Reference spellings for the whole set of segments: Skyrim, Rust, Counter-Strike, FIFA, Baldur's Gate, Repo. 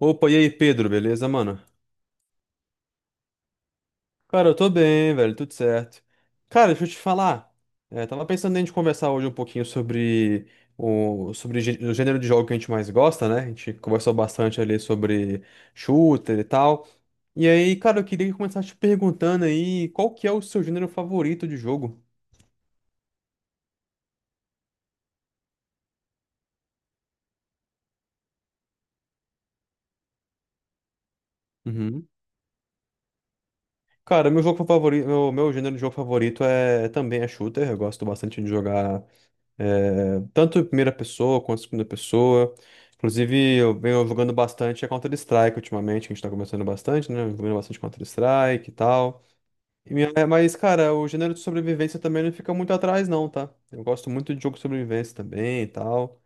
Opa, e aí, Pedro, beleza, mano? Cara, eu tô bem, velho, tudo certo. Cara, deixa eu te falar. Tava pensando em a gente conversar hoje um pouquinho sobre o gênero de jogo que a gente mais gosta, né? A gente conversou bastante ali sobre shooter e tal. E aí, cara, eu queria começar te perguntando aí qual que é o seu gênero favorito de jogo? Uhum. Cara, meu jogo favorito, meu gênero de jogo favorito também é shooter. Eu gosto bastante de jogar. É, tanto em primeira pessoa quanto em segunda pessoa. Inclusive, eu venho jogando bastante a Counter-Strike ultimamente, que a gente tá começando bastante, né? Jogando bastante Counter-Strike e tal. Mas, cara, o gênero de sobrevivência também não fica muito atrás, não, tá? Eu gosto muito de jogo de sobrevivência também e tal.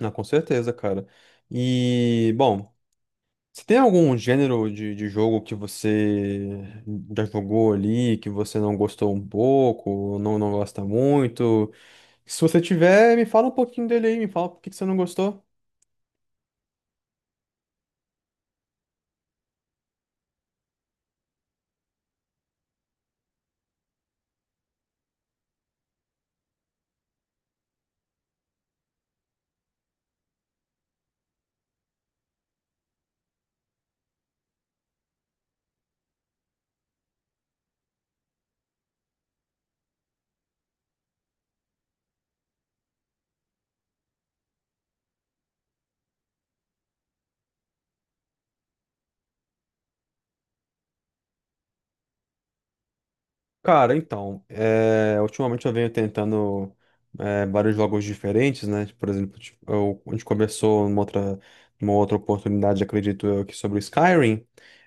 Ah, com certeza, cara. E, bom, se tem algum gênero de jogo que você já jogou ali, que você não gostou um pouco, ou não gosta muito? Se você tiver, me fala um pouquinho dele aí, me fala por que que você não gostou. Cara, então, é, ultimamente eu venho tentando vários jogos diferentes, né? Por exemplo, tipo, a gente conversou numa outra oportunidade, acredito eu, aqui sobre o Skyrim.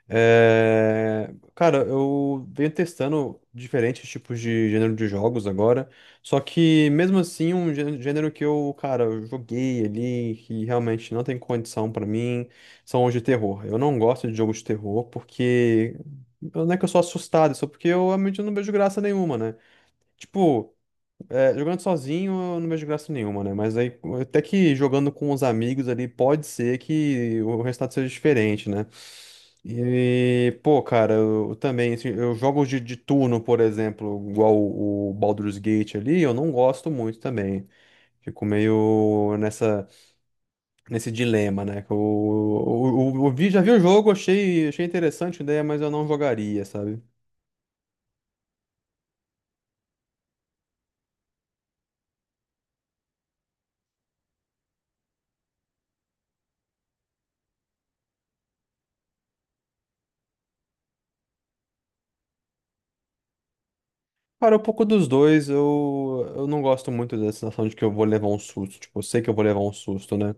É, cara, eu venho testando diferentes tipos de gênero de jogos agora, só que mesmo assim, um gênero que eu joguei ali, que realmente não tem condição pra mim, são os de terror. Eu não gosto de jogos de terror porque. Não é que eu sou assustado, só porque eu realmente não vejo graça nenhuma, né? Tipo, jogando sozinho eu não vejo graça nenhuma, né? Mas aí, até que jogando com os amigos ali, pode ser que o resultado seja diferente, né? E, pô, cara, eu também, assim, eu jogo de turno, por exemplo, igual o Baldur's Gate ali, eu não gosto muito também. Fico meio nessa, nesse dilema, né? Que já vi o jogo, achei interessante a ideia, mas eu não jogaria, sabe? Cara, um pouco dos dois, eu não gosto muito da sensação de que eu vou levar um susto. Tipo, eu sei que eu vou levar um susto, né?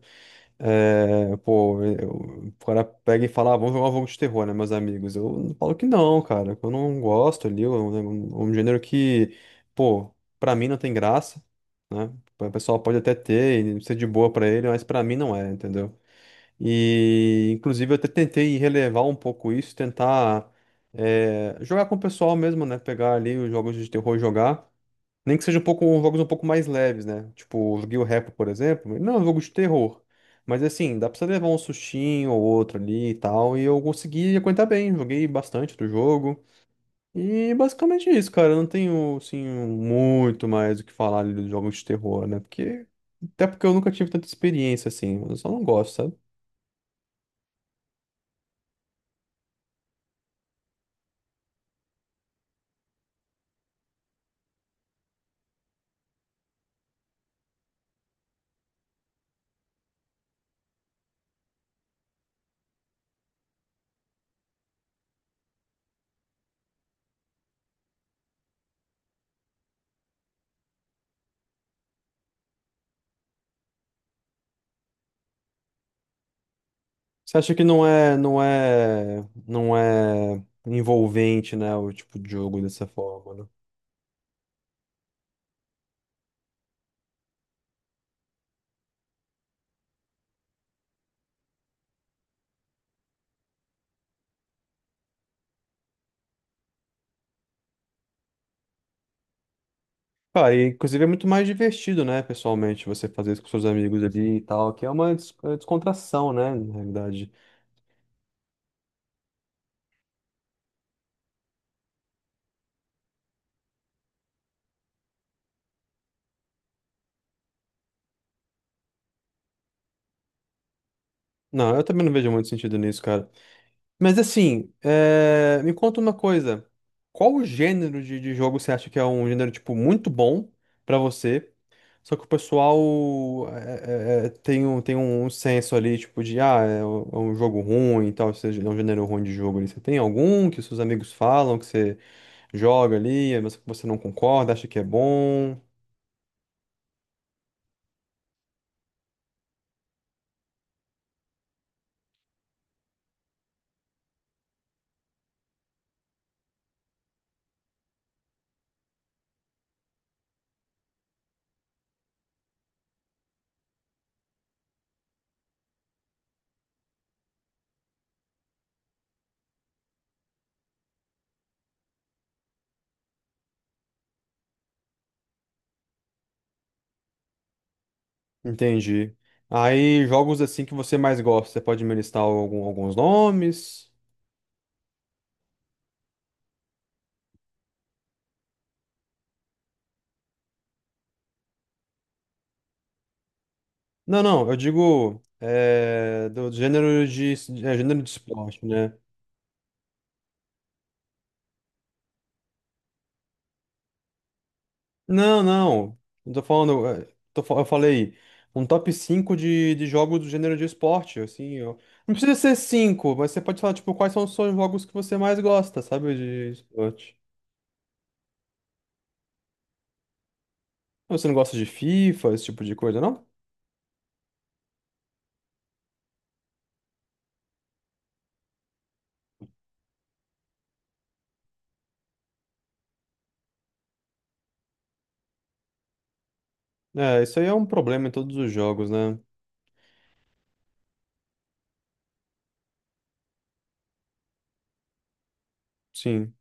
É, o cara pega e fala, ah, vamos jogar um jogo de terror, né, meus amigos? Eu não falo que não, cara. Que Eu não gosto ali, é um gênero que, pô, pra mim não tem graça, né? O pessoal pode até ter e ser de boa pra ele, mas pra mim não é, entendeu? E, inclusive, eu até tentei relevar um pouco isso, tentar jogar com o pessoal mesmo, né? Pegar ali os jogos de terror e jogar. Nem que seja um pouco, jogos um pouco mais leves, né? Tipo, eu joguei o Repo, por exemplo. Não, é um jogo de terror. Mas assim, dá pra você levar um sustinho ou outro ali e tal. E eu consegui aguentar bem, joguei bastante do jogo. E basicamente é isso, cara. Eu não tenho, assim, muito mais o que falar ali dos jogos de terror, né? Porque. Até porque eu nunca tive tanta experiência assim. Eu só não gosto, sabe? Você acha que não é envolvente, né, o tipo de jogo dessa forma, né? Cara, e, inclusive é muito mais divertido, né, pessoalmente, você fazer isso com seus amigos ali e tal, que é uma descontração, né, na realidade. Não, eu também não vejo muito sentido nisso, cara. Mas assim, é, me conta uma coisa. Qual o gênero de jogo você acha que é um gênero, tipo, muito bom pra você? Só que o pessoal tem um senso ali, tipo, de, ah, é um jogo ruim e tal, ou seja, é um gênero ruim de jogo ali. Você tem algum que os seus amigos falam, que você joga ali, mas que você não concorda, acha que é bom? Entendi. Aí, jogos assim que você mais gosta, você pode me listar alguns nomes? Não, não, eu digo é, do gênero gênero de esporte, né? Não, não. Não tô falando. É, eu falei um top 5 de jogos do gênero de esporte, assim. Não precisa ser 5, mas você pode falar, tipo, quais são os seus jogos que você mais gosta, sabe? De esporte. Você não gosta de FIFA, esse tipo de coisa, não? É, isso aí é um problema em todos os jogos, né? Sim.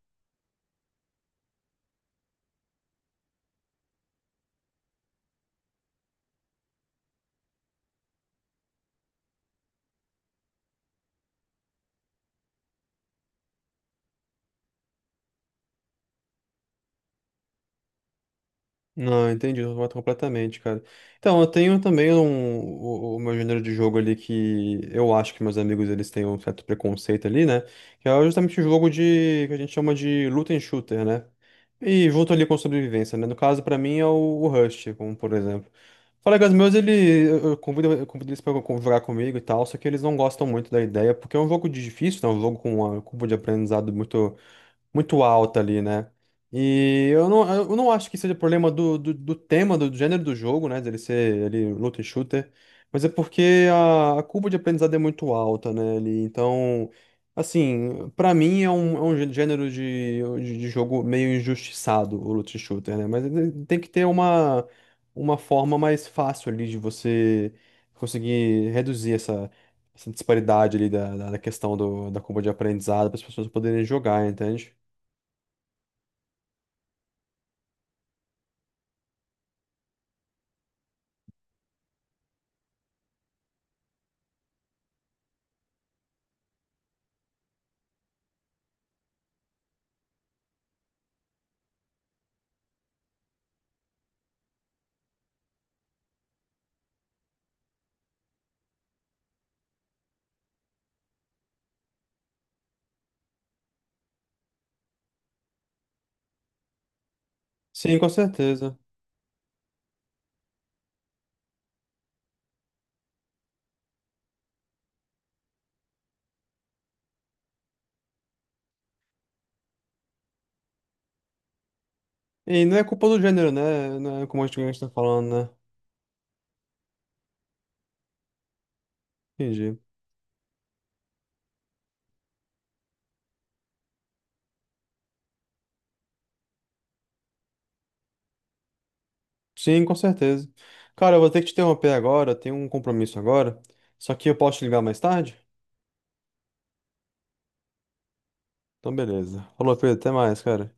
Não, entendi, eu mato completamente, cara. Então, eu tenho também um, o meu gênero de jogo ali que eu acho que meus amigos eles têm um certo preconceito ali, né? Que é justamente o jogo de que a gente chama de loot and shooter, né? E junto ali com sobrevivência, né? No caso, pra mim é o Rust, como por exemplo. Colegas meus, ele, eu convido eles pra jogar comigo e tal, só que eles não gostam muito da ideia, porque é um jogo de difícil, né? Um jogo com uma curva de aprendizado muito alta ali, né? E eu não acho que seja problema do tema, do gênero do jogo, né? Dele ser ele luta e shooter. Mas é porque a curva de aprendizado é muito alta, né? Ali, então, assim, pra mim é um gênero de jogo meio injustiçado, o luta e shooter, né? Mas ele tem que ter uma forma mais fácil ali de você conseguir reduzir essa essa disparidade ali da questão da curva de aprendizado para as pessoas poderem jogar, entende? Sim, com certeza. E não é culpa do gênero, né? Não é como a gente está falando, né? Entendi. Sim, com certeza. Cara, eu vou ter que te interromper agora, eu tenho um compromisso agora. Só que eu posso te ligar mais tarde? Então, beleza. Falou, Pedro, até mais, cara.